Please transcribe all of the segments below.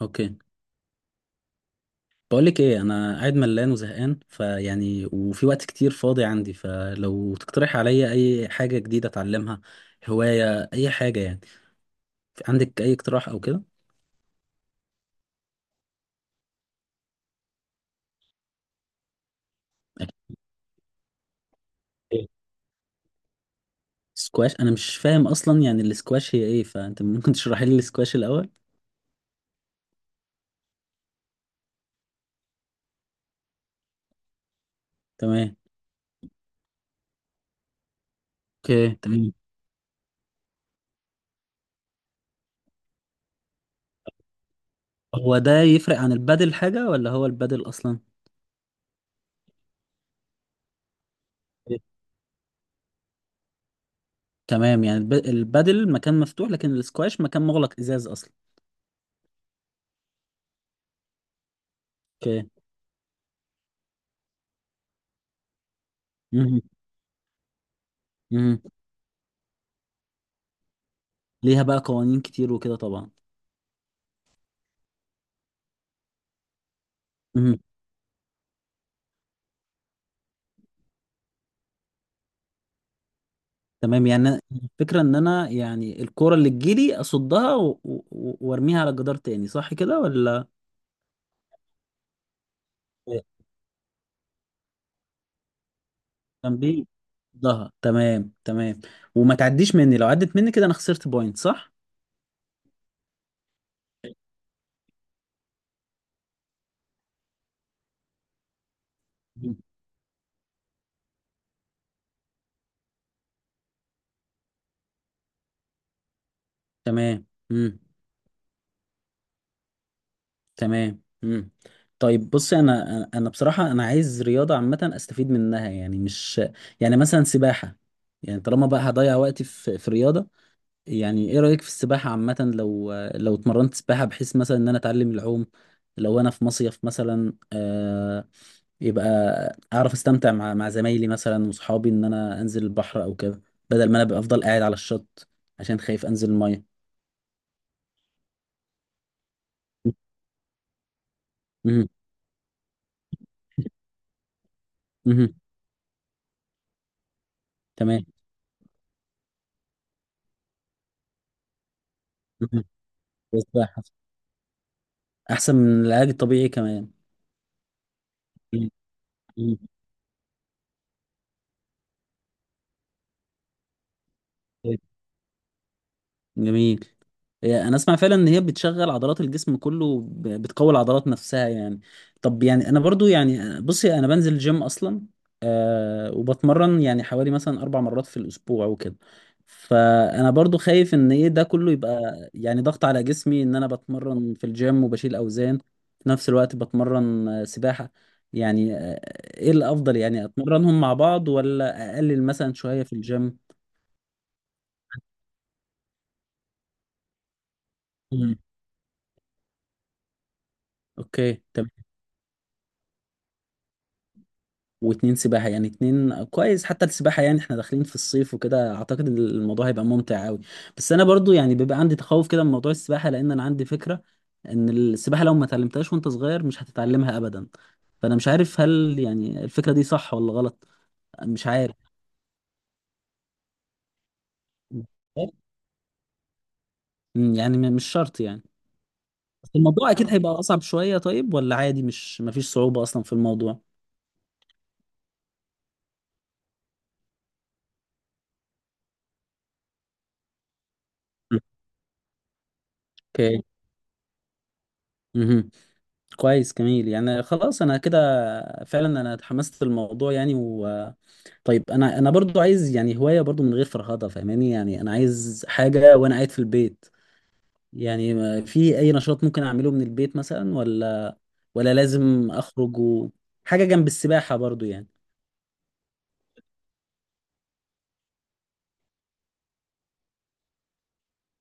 اوكي. بقول لك ايه، انا قاعد ملان وزهقان فيعني وفي وقت كتير فاضي عندي، فلو تقترح عليا اي حاجة جديدة اتعلمها. هواية اي حاجة يعني. عندك اي اقتراح او كده؟ إيه؟ سكواش انا مش فاهم اصلا، يعني السكواش هي ايه، فانت ممكن تشرحي لي السكواش الاول. تمام. اوكي، تمام. هو ده يفرق عن البادل حاجة ولا هو البادل اصلا؟ إيه؟ تمام، يعني البادل مكان مفتوح لكن السكواش مكان مغلق ازاز اصلا. اوكي. مهم. مهم. ليها بقى قوانين كتير وكده طبعا. مم. تمام، يعني الفكرة ان انا يعني الكرة اللي تجيلي اصدها وارميها على الجدار تاني، صح كده ولا؟ كان بي ضها، تمام تمام. وما تعديش مني، لو عدت مني كده انا خسرت بوينت، صح؟ مم. تمام. مم. تمام. مم. طيب بصي، انا بصراحة انا عايز رياضة عامة استفيد منها، يعني مش يعني مثلا سباحة. يعني طالما بقى هضيع وقتي في رياضة، يعني ايه رأيك في السباحة عامة، لو اتمرنت سباحة بحيث مثلا ان انا اتعلم العوم، لو انا في مصيف مثلا يبقى اعرف استمتع مع زمايلي مثلا وصحابي، ان انا انزل البحر او كده، بدل ما انا ابقى افضل قاعد على الشط عشان خايف انزل المية. مهم. مهم. تمام. مهم. السباحة احسن من العلاج الطبيعي كمان. مهم. مهم. جميل. هي انا اسمع فعلا ان هي بتشغل عضلات الجسم كله، بتقوي العضلات نفسها يعني. طب يعني انا برضو يعني بصي، انا بنزل جيم اصلا، آه وبتمرن يعني حوالي مثلا اربع مرات في الاسبوع وكده، فانا برضو خايف ان ايه ده كله يبقى يعني ضغط على جسمي، ان انا بتمرن في الجيم وبشيل اوزان في نفس الوقت بتمرن سباحة، يعني ايه الافضل، يعني اتمرنهم مع بعض ولا اقلل مثلا شوية في الجيم؟ مم. اوكي. واتنين سباحة، يعني اتنين كويس، حتى السباحة يعني احنا داخلين في الصيف وكده، اعتقد ان الموضوع هيبقى ممتع قوي. بس انا برضو يعني بيبقى عندي تخوف كده من موضوع السباحة، لان انا عندي فكرة ان السباحة لو ما اتعلمتهاش وانت صغير مش هتتعلمها ابدا. فانا مش عارف هل يعني الفكرة دي صح ولا غلط. مش عارف. مم، يعني مش شرط يعني. بس الموضوع اكيد هيبقى اصعب شوية، طيب ولا عادي مش مفيش صعوبة اصلا في الموضوع؟ اوكي. مهم. كويس جميل، يعني خلاص انا كده فعلا انا اتحمست للموضوع يعني و طيب انا برضو عايز يعني هواية برضو من غير فرهضة فاهماني، يعني انا عايز حاجة وانا قاعد في البيت، يعني في اي نشاط ممكن اعمله من البيت مثلا، ولا لازم اخرج و... حاجة جنب السباحة برضو يعني.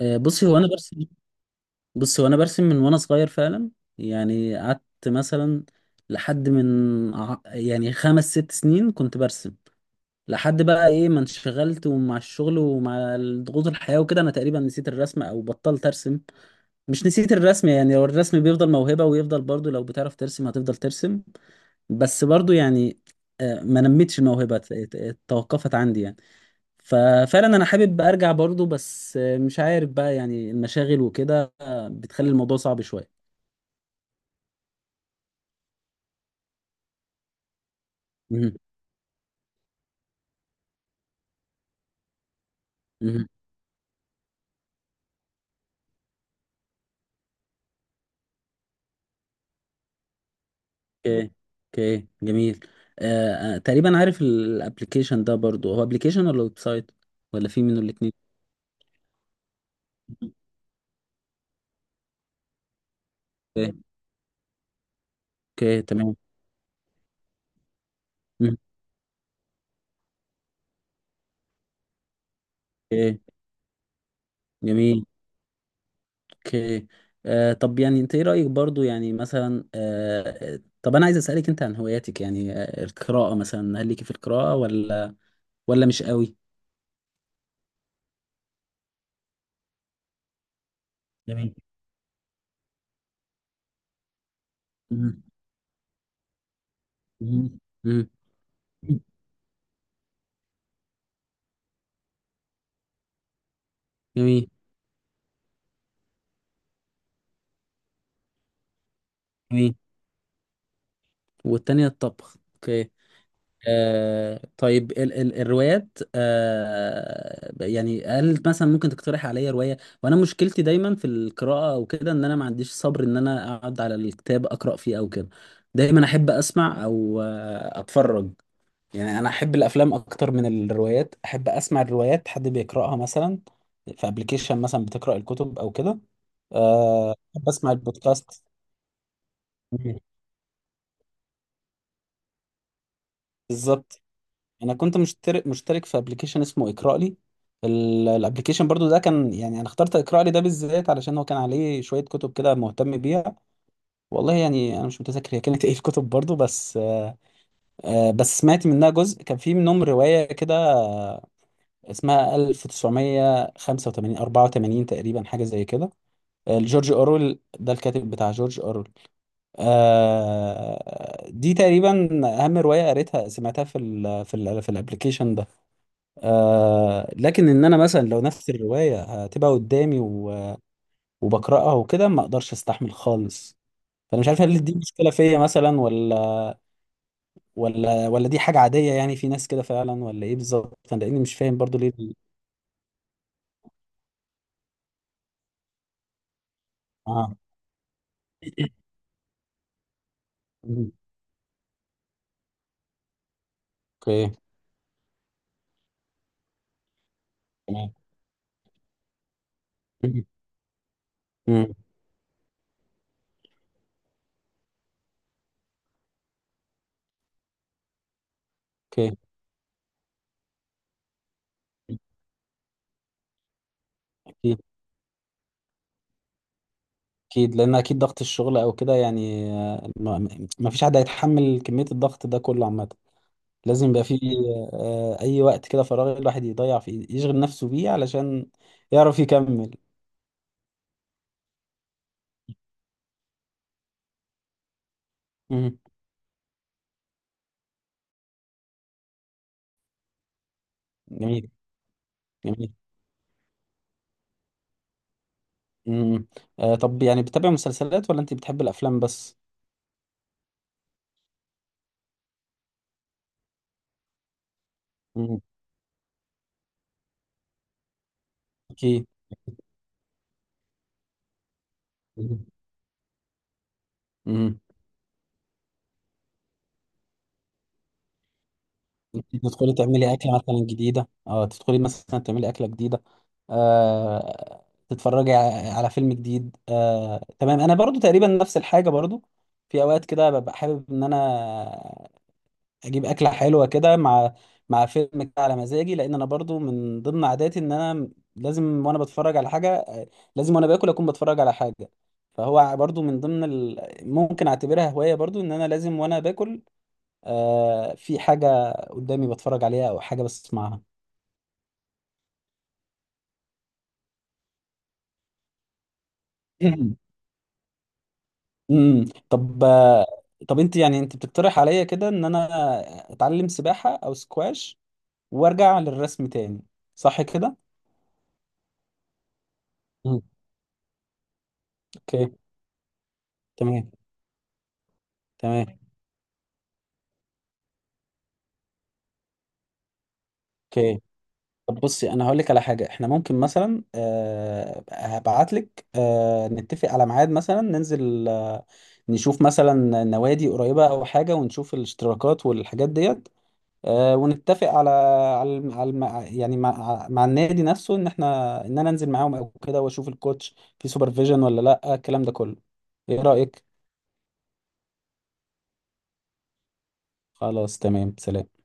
بصي هو انا برسم. بصي هو انا برسم من وانا صغير فعلا. يعني قعدت مثلا لحد من يعني خمس ست سنين كنت برسم. لحد بقى ايه ما انشغلت ومع الشغل ومع ضغوط الحياة وكده، انا تقريبا نسيت الرسم او بطلت ارسم. مش نسيت الرسم، يعني هو الرسم بيفضل موهبة ويفضل برضو لو بتعرف ترسم هتفضل ترسم. بس برضو يعني ما نمتش الموهبة توقفت عندي يعني. ففعلا انا حابب ارجع برضو بس مش عارف بقى، يعني المشاغل وكده بتخلي الموضوع صعب شوية. مهم. مهم. اوكي. اوكي جميل. تقريبا عارف الابلكيشن ده، برضو هو ابلكيشن ولا ويب سايت، ولا في منه الاثنين؟ اوكي. اوكي تمام. مم، اوكي جميل. اوكي. طب يعني انت ايه رأيك برضو، يعني مثلا طب انا عايز اسألك انت عن هواياتك، يعني القراءة مثلا، هل ليكي في القراءة ولا مش قوي؟ جميل. مم، مم، مم، جميل. جميل. والتانية الطبخ، اوكي. طيب ال الروايات، يعني هل مثلا ممكن تقترح عليا رواية؟ وانا مشكلتي دايما في القراءة او كده، ان انا ما عنديش صبر ان انا اقعد على الكتاب اقرا فيه او كده، دايما احب اسمع او اتفرج. يعني انا احب الافلام اكتر من الروايات، احب اسمع الروايات حد بيقراها مثلا في ابلكيشن مثلا بتقرا الكتب او كده. احب اسمع البودكاست. مم. بالظبط. انا كنت مشترك في ابلكيشن اسمه اقرا لي. الابلكيشن برضو ده كان يعني انا اخترت اقرا لي ده بالذات علشان هو كان عليه شويه كتب كده مهتم بيها. والله يعني انا مش متذكر هي كانت ايه الكتب برضو بس بس سمعت منها جزء كان في منهم روايه كده، اسمها 1985 84 تقريبا حاجه زي كده، لجورج اورويل، ده الكاتب بتاع جورج اورويل. دي تقريبا اهم روايه قريتها سمعتها في الابلكيشن ده. لكن ان انا مثلا لو نفس الروايه هتبقى قدامي وبقراها وكده ما اقدرش استحمل خالص. فانا مش عارف هل دي مشكله فيا مثلا، ولا دي حاجه عاديه يعني في ناس كده فعلا، ولا ايه بالظبط انا، لاني مش فاهم برضو ليه اه. مم. اوكي تمام. مم. مم. اوكي. اكيد. اكيد لان اكيد ضغط الشغل او كده، يعني ما فيش حد هيتحمل كميه الضغط ده كله عامه، لازم يبقى فيه أي وقت كده فراغ الواحد يضيع فيه يشغل نفسه بيه علشان يعرف يكمل. مم. جميل. جميل. مم. طب يعني بتتابع مسلسلات ولا أنت بتحب الأفلام بس؟ مم. أكيد. مم. مم. أنت تدخلي تعملي أكلة مثلا جديدة، تدخلي مثلا تعملي أكلة جديدة، آه تتفرجي على فيلم جديد، تمام. أنا برضو تقريبا نفس الحاجة برضو، في أوقات كده ببقى حابب إن أنا اجيب اكله حلوه كده مع فيلم كده على مزاجي، لان انا برضو من ضمن عاداتي ان انا لازم وانا بتفرج على حاجه، لازم وانا باكل اكون بتفرج على حاجه. فهو برضو من ضمن ممكن اعتبرها هوايه برضو ان انا لازم وانا باكل في حاجه قدامي بتفرج عليها او حاجه بسمعها. طب طب انت يعني انت بتقترح عليا كده ان انا اتعلم سباحه او سكواش، وارجع للرسم تاني، صح كده؟ مم. اوكي تمام. تمام اوكي. طب بصي، انا هقول لك على حاجه، احنا ممكن مثلا هبعت لك، نتفق على ميعاد مثلا ننزل، نشوف مثلا نوادي قريبه او حاجه، ونشوف الاشتراكات والحاجات ديت، ونتفق على على الم- على الم- يعني مع, النادي نفسه ان احنا ان انا انزل معاهم او كده، واشوف الكوتش في سوبرفيجن ولا لا الكلام ده كله. ايه رايك؟ خلاص. تمام. سلام.